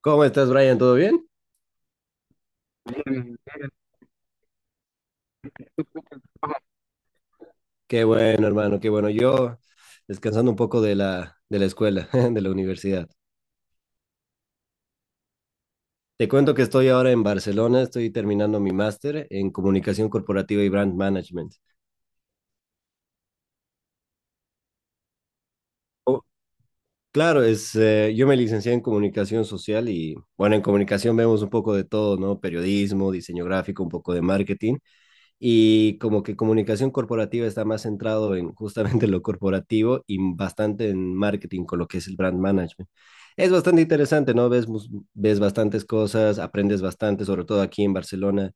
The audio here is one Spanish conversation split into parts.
¿Cómo estás, Brian? ¿Todo bien? Bien. Ajá. Qué bueno, hermano, qué bueno. Yo descansando un poco de la escuela, de la universidad. Te cuento que estoy ahora en Barcelona, estoy terminando mi máster en comunicación corporativa y brand management. Oh, claro, yo me licencié en comunicación social y, bueno, en comunicación vemos un poco de todo, ¿no? Periodismo, diseño gráfico, un poco de marketing. Y como que comunicación corporativa está más centrado en justamente lo corporativo y bastante en marketing con lo que es el brand management. Es bastante interesante, ¿no? Ves bastantes cosas, aprendes bastante, sobre todo aquí en Barcelona.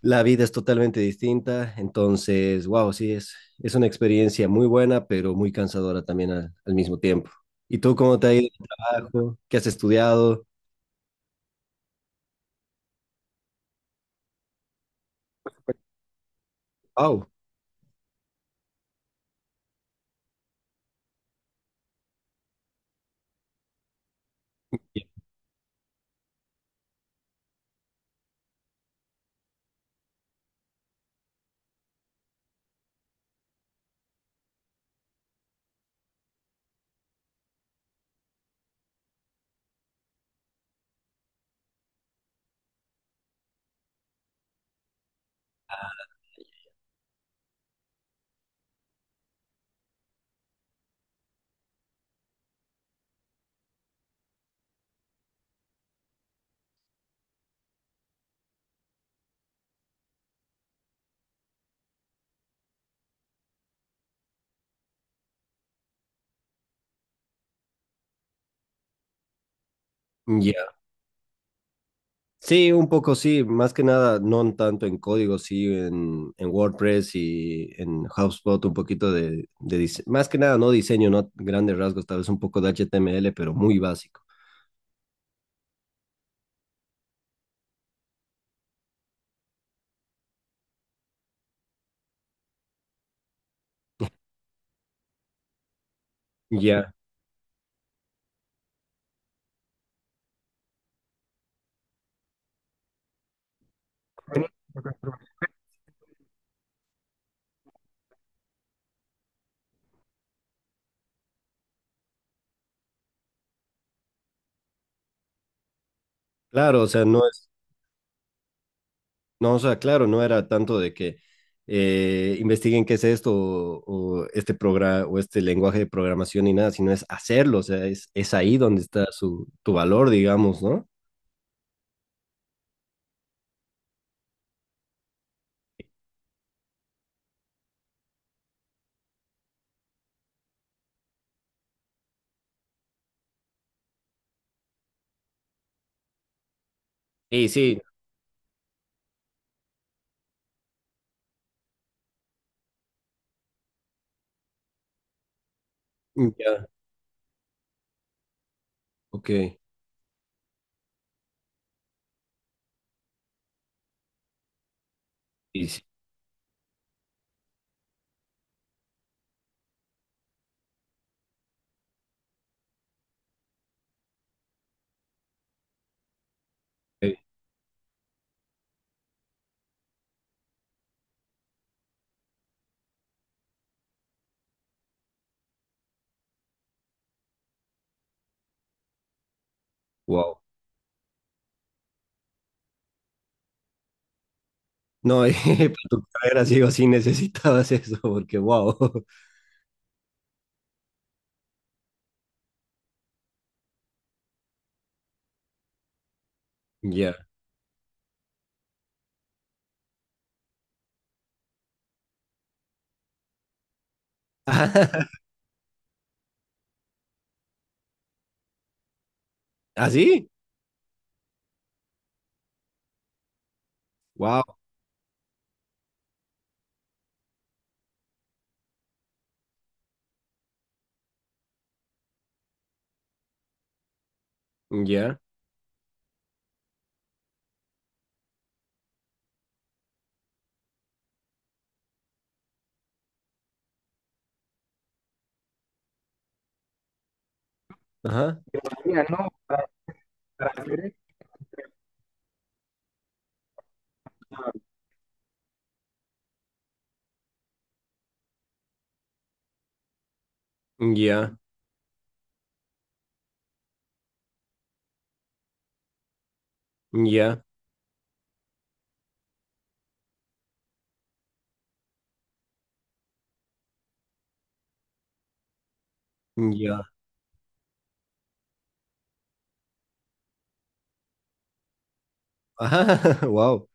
La vida es totalmente distinta, entonces, wow, sí, es una experiencia muy buena, pero muy cansadora también al mismo tiempo. ¿Y tú cómo te ha ido en el trabajo? ¿Qué has estudiado? Wow. Ya, sí, un poco sí, más que nada, no tanto en código, sí, en WordPress y en HubSpot, un poquito de más que nada, no diseño, no grandes rasgos, tal vez un poco de HTML, pero muy básico. Ya, claro, o sea, no es, no, o sea, claro, no era tanto de que investiguen qué es esto o este programa o este lenguaje de programación ni nada, sino es hacerlo, o sea, es ahí donde está tu valor, digamos, ¿no? Y sí, ya, ok, y sí, wow. No, para tu carrera sí o sí necesitabas eso, porque wow. Ya. ¿Así? Wow. Ya. Ajá. Mira, no, para hacer eso. Ya. Ya. Ya. Ajá. Wow.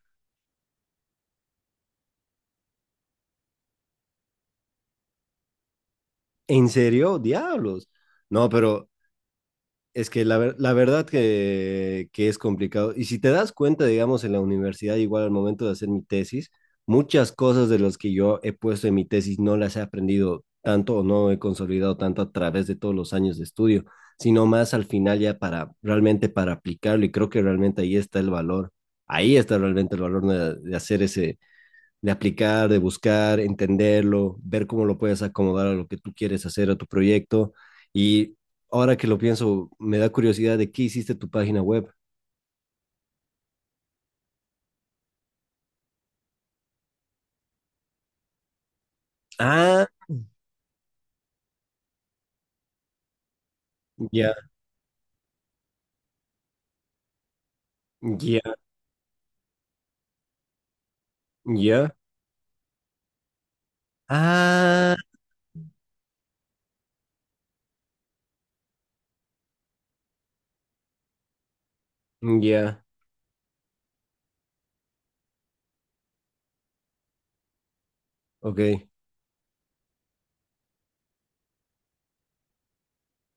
¿En serio? Diablos. No, pero es que la, la verdad que es complicado. Y si te das cuenta, digamos, en la universidad, igual al momento de hacer mi tesis, muchas cosas de las que yo he puesto en mi tesis no las he aprendido tanto o no he consolidado tanto a través de todos los años de estudio, sino más al final ya para realmente para aplicarlo. Y creo que realmente ahí está el valor. Ahí está realmente el valor de hacer ese, de aplicar, de buscar, entenderlo, ver cómo lo puedes acomodar a lo que tú quieres hacer, a tu proyecto. Y ahora que lo pienso, me da curiosidad de qué hiciste tu página web. Ah, ya, ya, ya. Ah, ya, ok,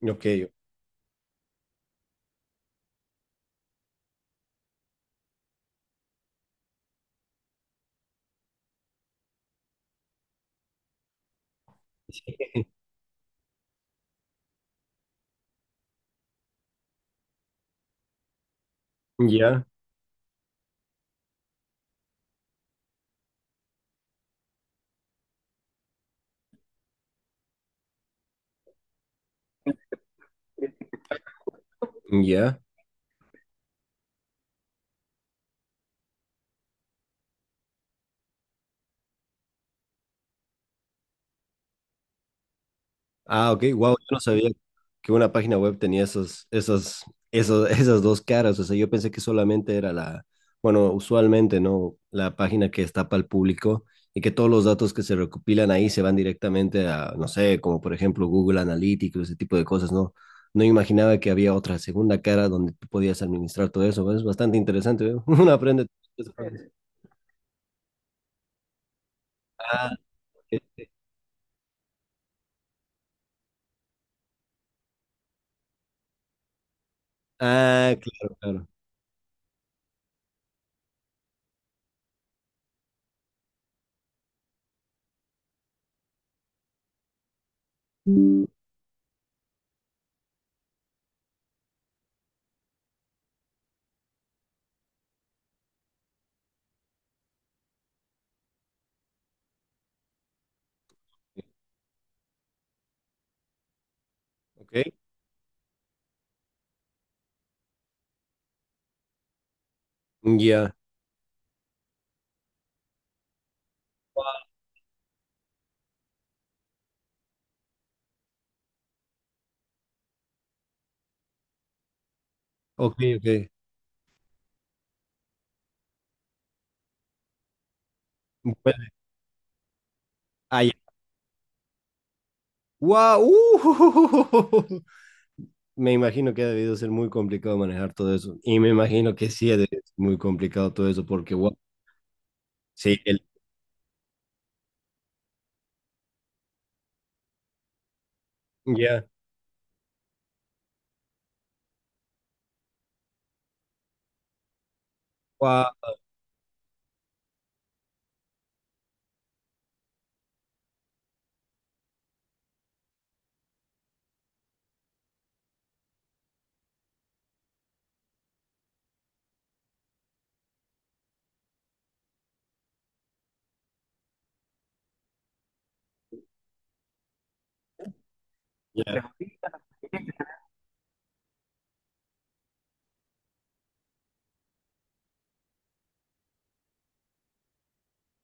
ok, sí, ya, ya. Ah, ok, wow, yo no sabía que una página web tenía esas dos caras. O sea, yo pensé que solamente era la, bueno, usualmente, ¿no? La página que está para el público y que todos los datos que se recopilan ahí se van directamente a, no sé, como por ejemplo Google Analytics, ese tipo de cosas, ¿no? No imaginaba que había otra segunda cara donde tú podías administrar todo eso. Es bastante interesante, ¿eh? Uno aprende. Ah, ok. Ah, claro, claro. Ok, ya. Ok, ok. Bueno, ah, ya. ¡Wow! ¡Uh! Me imagino que ha debido ser muy complicado manejar todo eso. Y me imagino que sí ha de ser muy complicado todo eso, porque wow. Sí, el. Ya. Wow. Ya.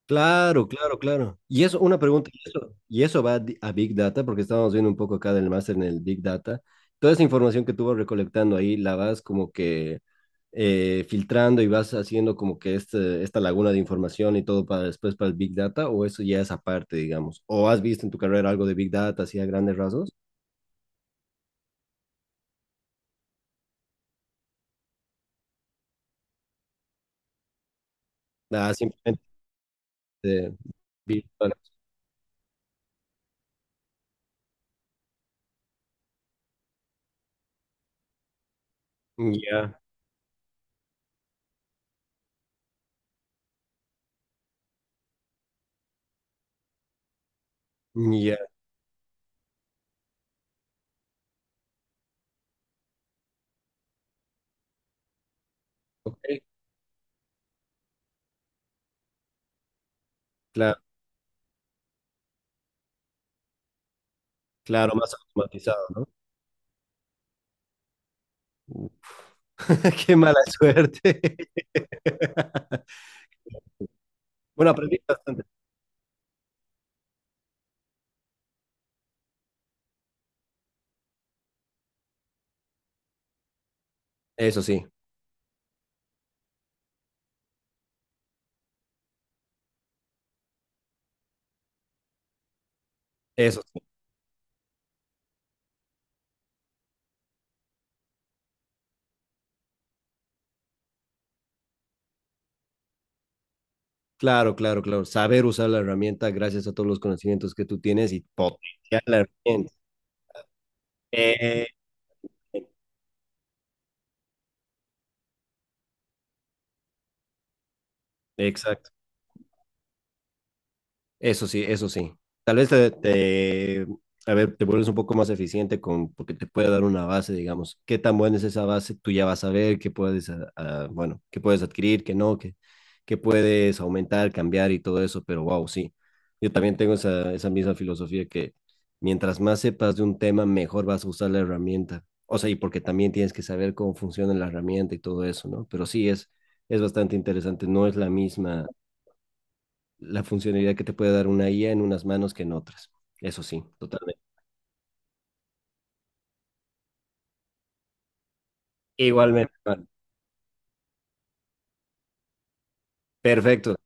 Claro, claro, claro. Y eso, una pregunta, y eso a Big Data, porque estábamos viendo un poco acá del máster en el Big Data. Toda esa información que tú vas recolectando ahí, la vas como que filtrando y vas haciendo como que este, esta laguna de información y todo para después para el Big Data, ¿o eso ya es aparte, digamos? ¿O has visto en tu carrera algo de Big Data, así a grandes rasgos? Ah, simplemente eh, virtual. Ya, ya, ok, claro, claro, más automatizado, ¿no? Qué mala suerte. Bueno, aprendí bastante. Eso sí, eso sí. Claro, claro, claro. Saber usar la herramienta gracias a todos los conocimientos que tú tienes y potenciar la herramienta. Eh, exacto. Eso sí, eso sí. Tal vez te, te- A ver, te vuelves un poco más eficiente con, porque te puede dar una base, digamos, qué tan buena es esa base, tú ya vas a ver qué puedes, ah, ah, bueno, qué puedes adquirir, qué no, qué, qué puedes aumentar, cambiar y todo eso, pero wow, sí. Yo también tengo esa misma filosofía que mientras más sepas de un tema, mejor vas a usar la herramienta. O sea, y porque también tienes que saber cómo funciona la herramienta y todo eso, ¿no? Pero sí, es bastante interesante, no es la misma la funcionalidad que te puede dar una IA en unas manos que en otras. Eso sí, totalmente. Igualmente, Juan. Perfecto.